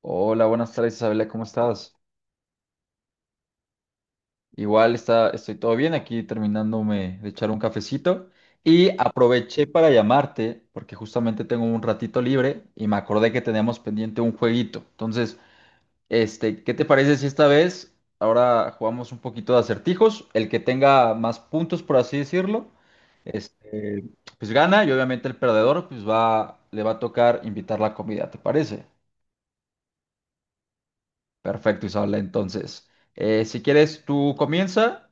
Hola, buenas tardes Isabela, ¿cómo estás? Igual está, estoy todo bien aquí terminándome de echar un cafecito y aproveché para llamarte porque justamente tengo un ratito libre y me acordé que teníamos pendiente un jueguito. Entonces, ¿qué te parece si esta vez ahora jugamos un poquito de acertijos? El que tenga más puntos, por así decirlo, este, pues gana y obviamente el perdedor pues va, le va a tocar invitar la comida, ¿te parece? Perfecto, Isabela. Entonces, si quieres, tú comienza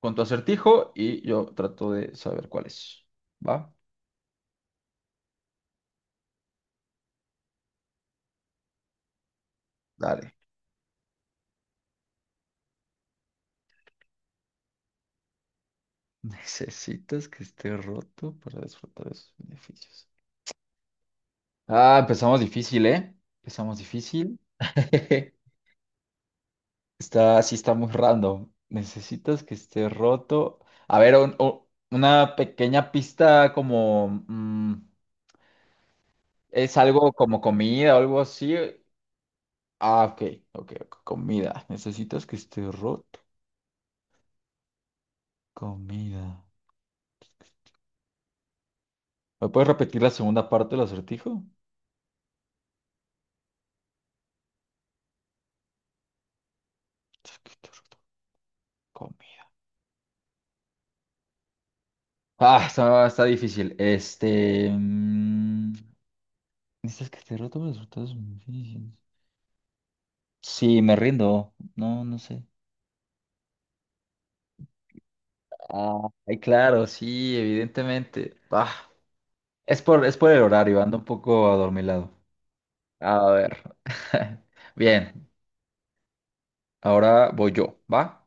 con tu acertijo y yo trato de saber cuál es. ¿Va? Dale. Necesitas que esté roto para disfrutar de sus beneficios. Ah, empezamos difícil, ¿eh? Empezamos difícil. Está, sí está muy random. Necesitas que esté roto. A ver, una pequeña pista como ¿es algo como comida o algo así? Ah, ok, ok, comida. ¿Necesitas que esté roto? Comida. ¿Me puedes repetir la segunda parte del acertijo? Es que esté roto. Comida. Ah, está, está difícil. ¿Necesitas que esté roto? Los resultados son difíciles. Sí, me rindo. No, no sé. Ah, ay, claro, sí, evidentemente. Ah, es por el horario, ando un poco adormilado. A ver. Bien, ahora voy yo, ¿va?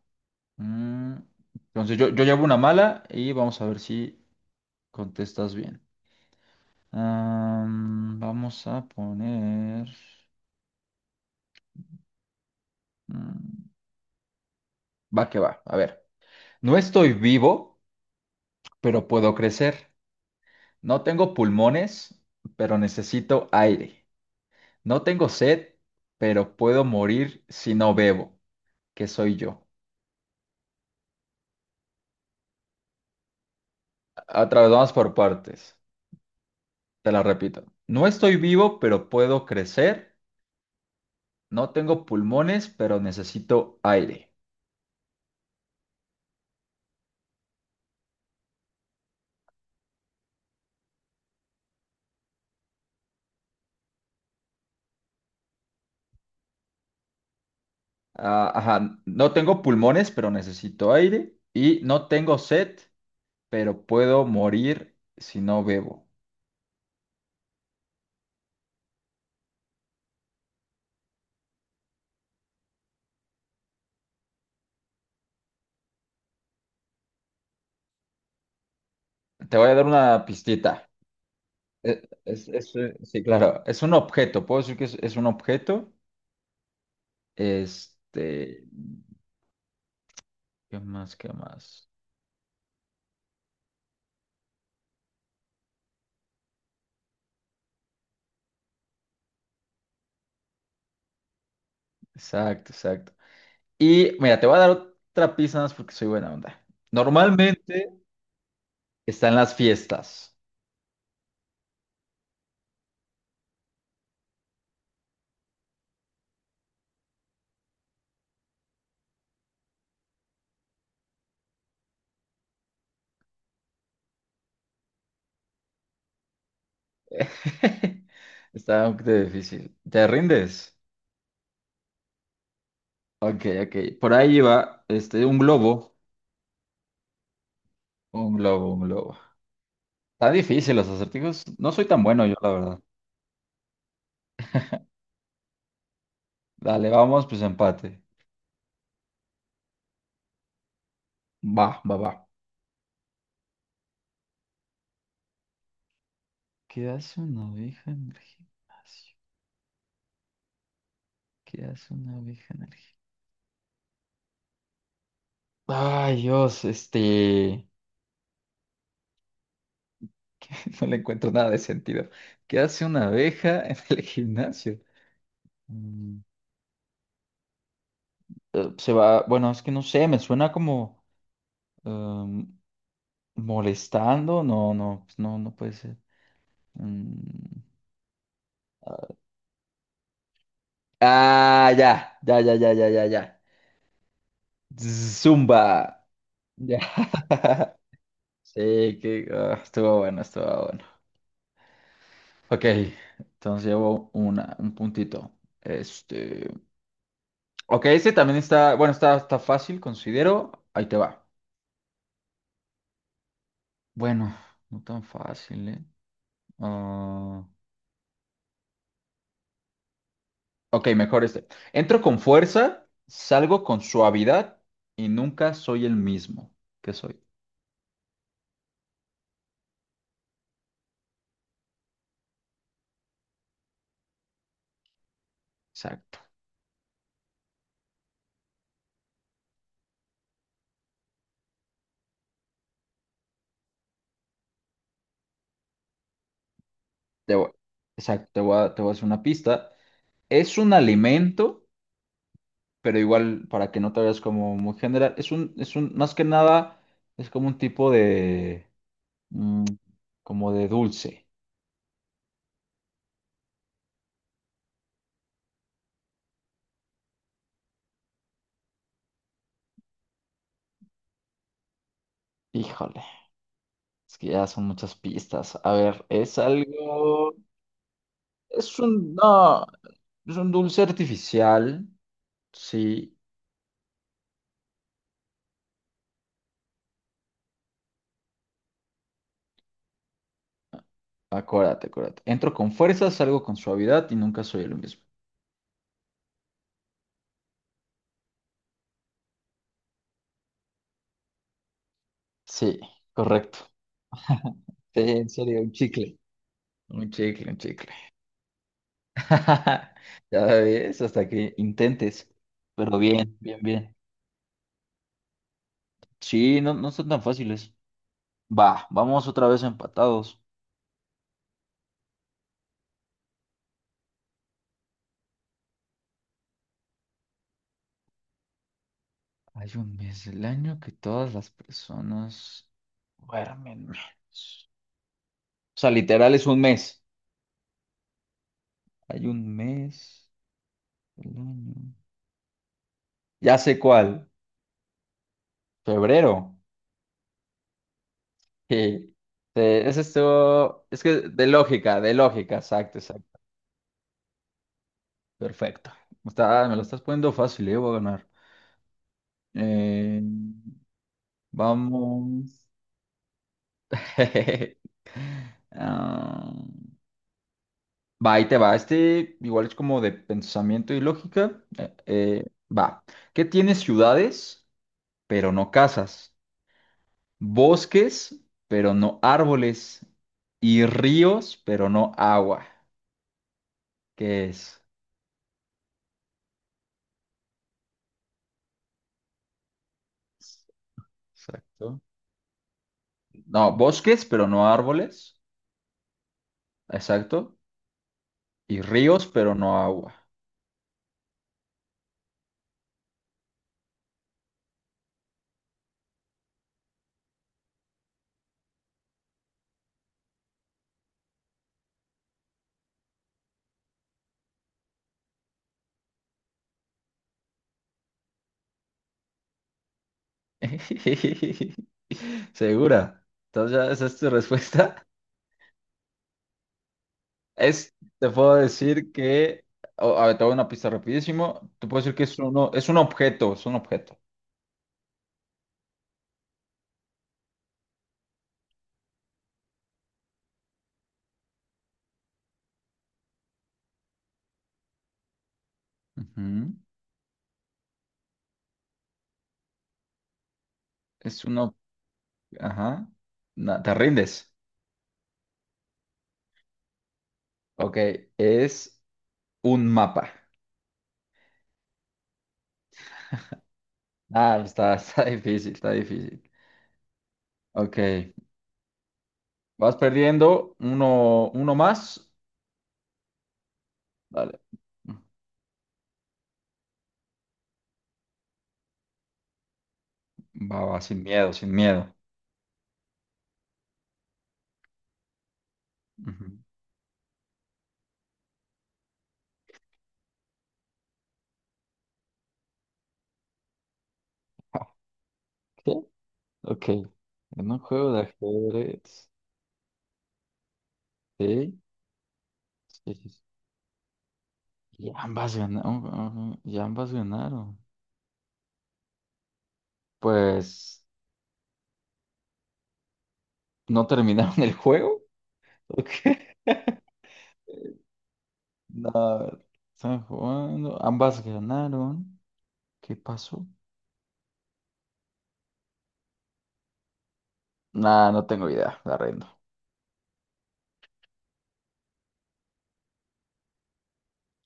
Mm, Entonces yo llevo una mala y vamos a ver si contestas bien. Vamos a poner mm, va que va, a ver. No estoy vivo, pero puedo crecer. No tengo pulmones, pero necesito aire. No tengo sed, pero puedo morir si no bebo. ¿Qué soy yo? Otra vez vamos por partes. Te la repito. No estoy vivo, pero puedo crecer. No tengo pulmones, pero necesito aire. Ah, ajá, no tengo pulmones, pero necesito aire. Y no tengo sed, pero puedo morir si no bebo. Te voy a dar una pistita. Sí, claro, es un objeto. Puedo decir que es un objeto. Este, ¿qué más? ¿Qué más? Exacto, exacto. Y mira, te voy a dar otra pista nada más porque soy buena onda. Normalmente está en las fiestas. Está un poquito difícil. ¿Te rindes? Ok, ok. Por ahí iba, este, un globo. Un globo, un globo. Está difícil los acertijos. No soy tan bueno yo, la verdad. Dale, vamos, pues empate. Va, va, va. ¿Qué hace una oveja en el gimnasio? ¿Qué hace una oveja en el gimnasio? Ay, Dios, este que no le encuentro nada de sentido. ¿Qué hace una abeja en el gimnasio? Mm, Se va, bueno, es que no sé, me suena como em, molestando. No, no, pues no, no puede ser. Mm, Ah, ya, ya, ya, ya, ya, ya, ya. Zumba. Ya. Sí, que ah, estuvo bueno, estuvo bueno. Ok, entonces llevo una, un puntito. Este. Ok, este también está. Bueno, está, está fácil, considero. Ahí te va. Bueno, no tan fácil, ¿eh? Ah, ok, mejor este. Entro con fuerza, salgo con suavidad y nunca soy el mismo que soy. Exacto. Te voy- exacto, te voy a hacer una pista. Es un alimento, pero igual para que no te veas como muy general, es un, más que nada, es como un tipo de, mm, como de dulce. Híjole, es que ya son muchas pistas. A ver, es algo, es un, no, es un dulce artificial, sí, acuérdate, acuérdate. Entro con fuerza, salgo con suavidad y nunca soy el mismo. Sí, correcto. Sí, en serio, un chicle. Un chicle, un chicle. Ya ves, hasta que intentes. Pero bien, bien, bien. Sí, no, no son tan fáciles. Va, vamos otra vez empatados. Hay un mes del año que todas las personas duermen menos. O sea, literal es un mes. Hay un mes del año. Ya sé cuál. Febrero. Sí. Sí, ese estuvo. Es que de lógica, exacto, exacto. Perfecto. Está, me lo estás poniendo fácil, voy a ganar. Eh, Vamos. Ah, va, ahí te va. Este igual es como de pensamiento y lógica. Va. ¿Qué tiene ciudades, pero no casas? Bosques, pero no árboles. Y ríos, pero no agua. ¿Qué es? Exacto. No, bosques, pero no árboles. Exacto. Y ríos, pero no agua. ¿Segura? Entonces, ¿ya esa es tu respuesta? Te puedo decir que, a ver, te voy a una pista rapidísimo. Te puedo decir que es uno, es un objeto. Ujú. Es uno, ajá. No, te rindes. Ok, es un mapa. Ah, está, está difícil, está difícil. Ok, vas perdiendo uno, uno más. Dale. Va, va, sin miedo, sin miedo. Ujú. ¿Qué? Ok, ok. En un juego de ajedrez. Sí. Sí, sí, sí. Y ambas ganaron. Y ambas ganaron. Pues, ¿no terminaron el juego? ¿O qué? No, están jugando. Ambas ganaron. ¿Qué pasó? Nah, no tengo idea. La rindo.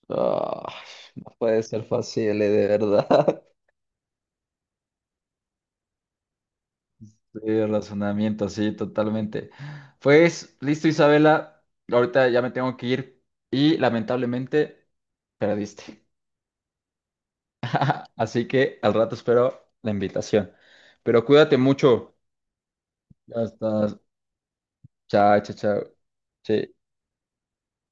Ah, no puede ser fácil, de verdad. Sí, el razonamiento, sí, totalmente. Pues, listo, Isabela. Ahorita ya me tengo que ir. Y lamentablemente, perdiste. Así que al rato espero la invitación. Pero cuídate mucho. Ya estás. Chao, chao, chao. Sí.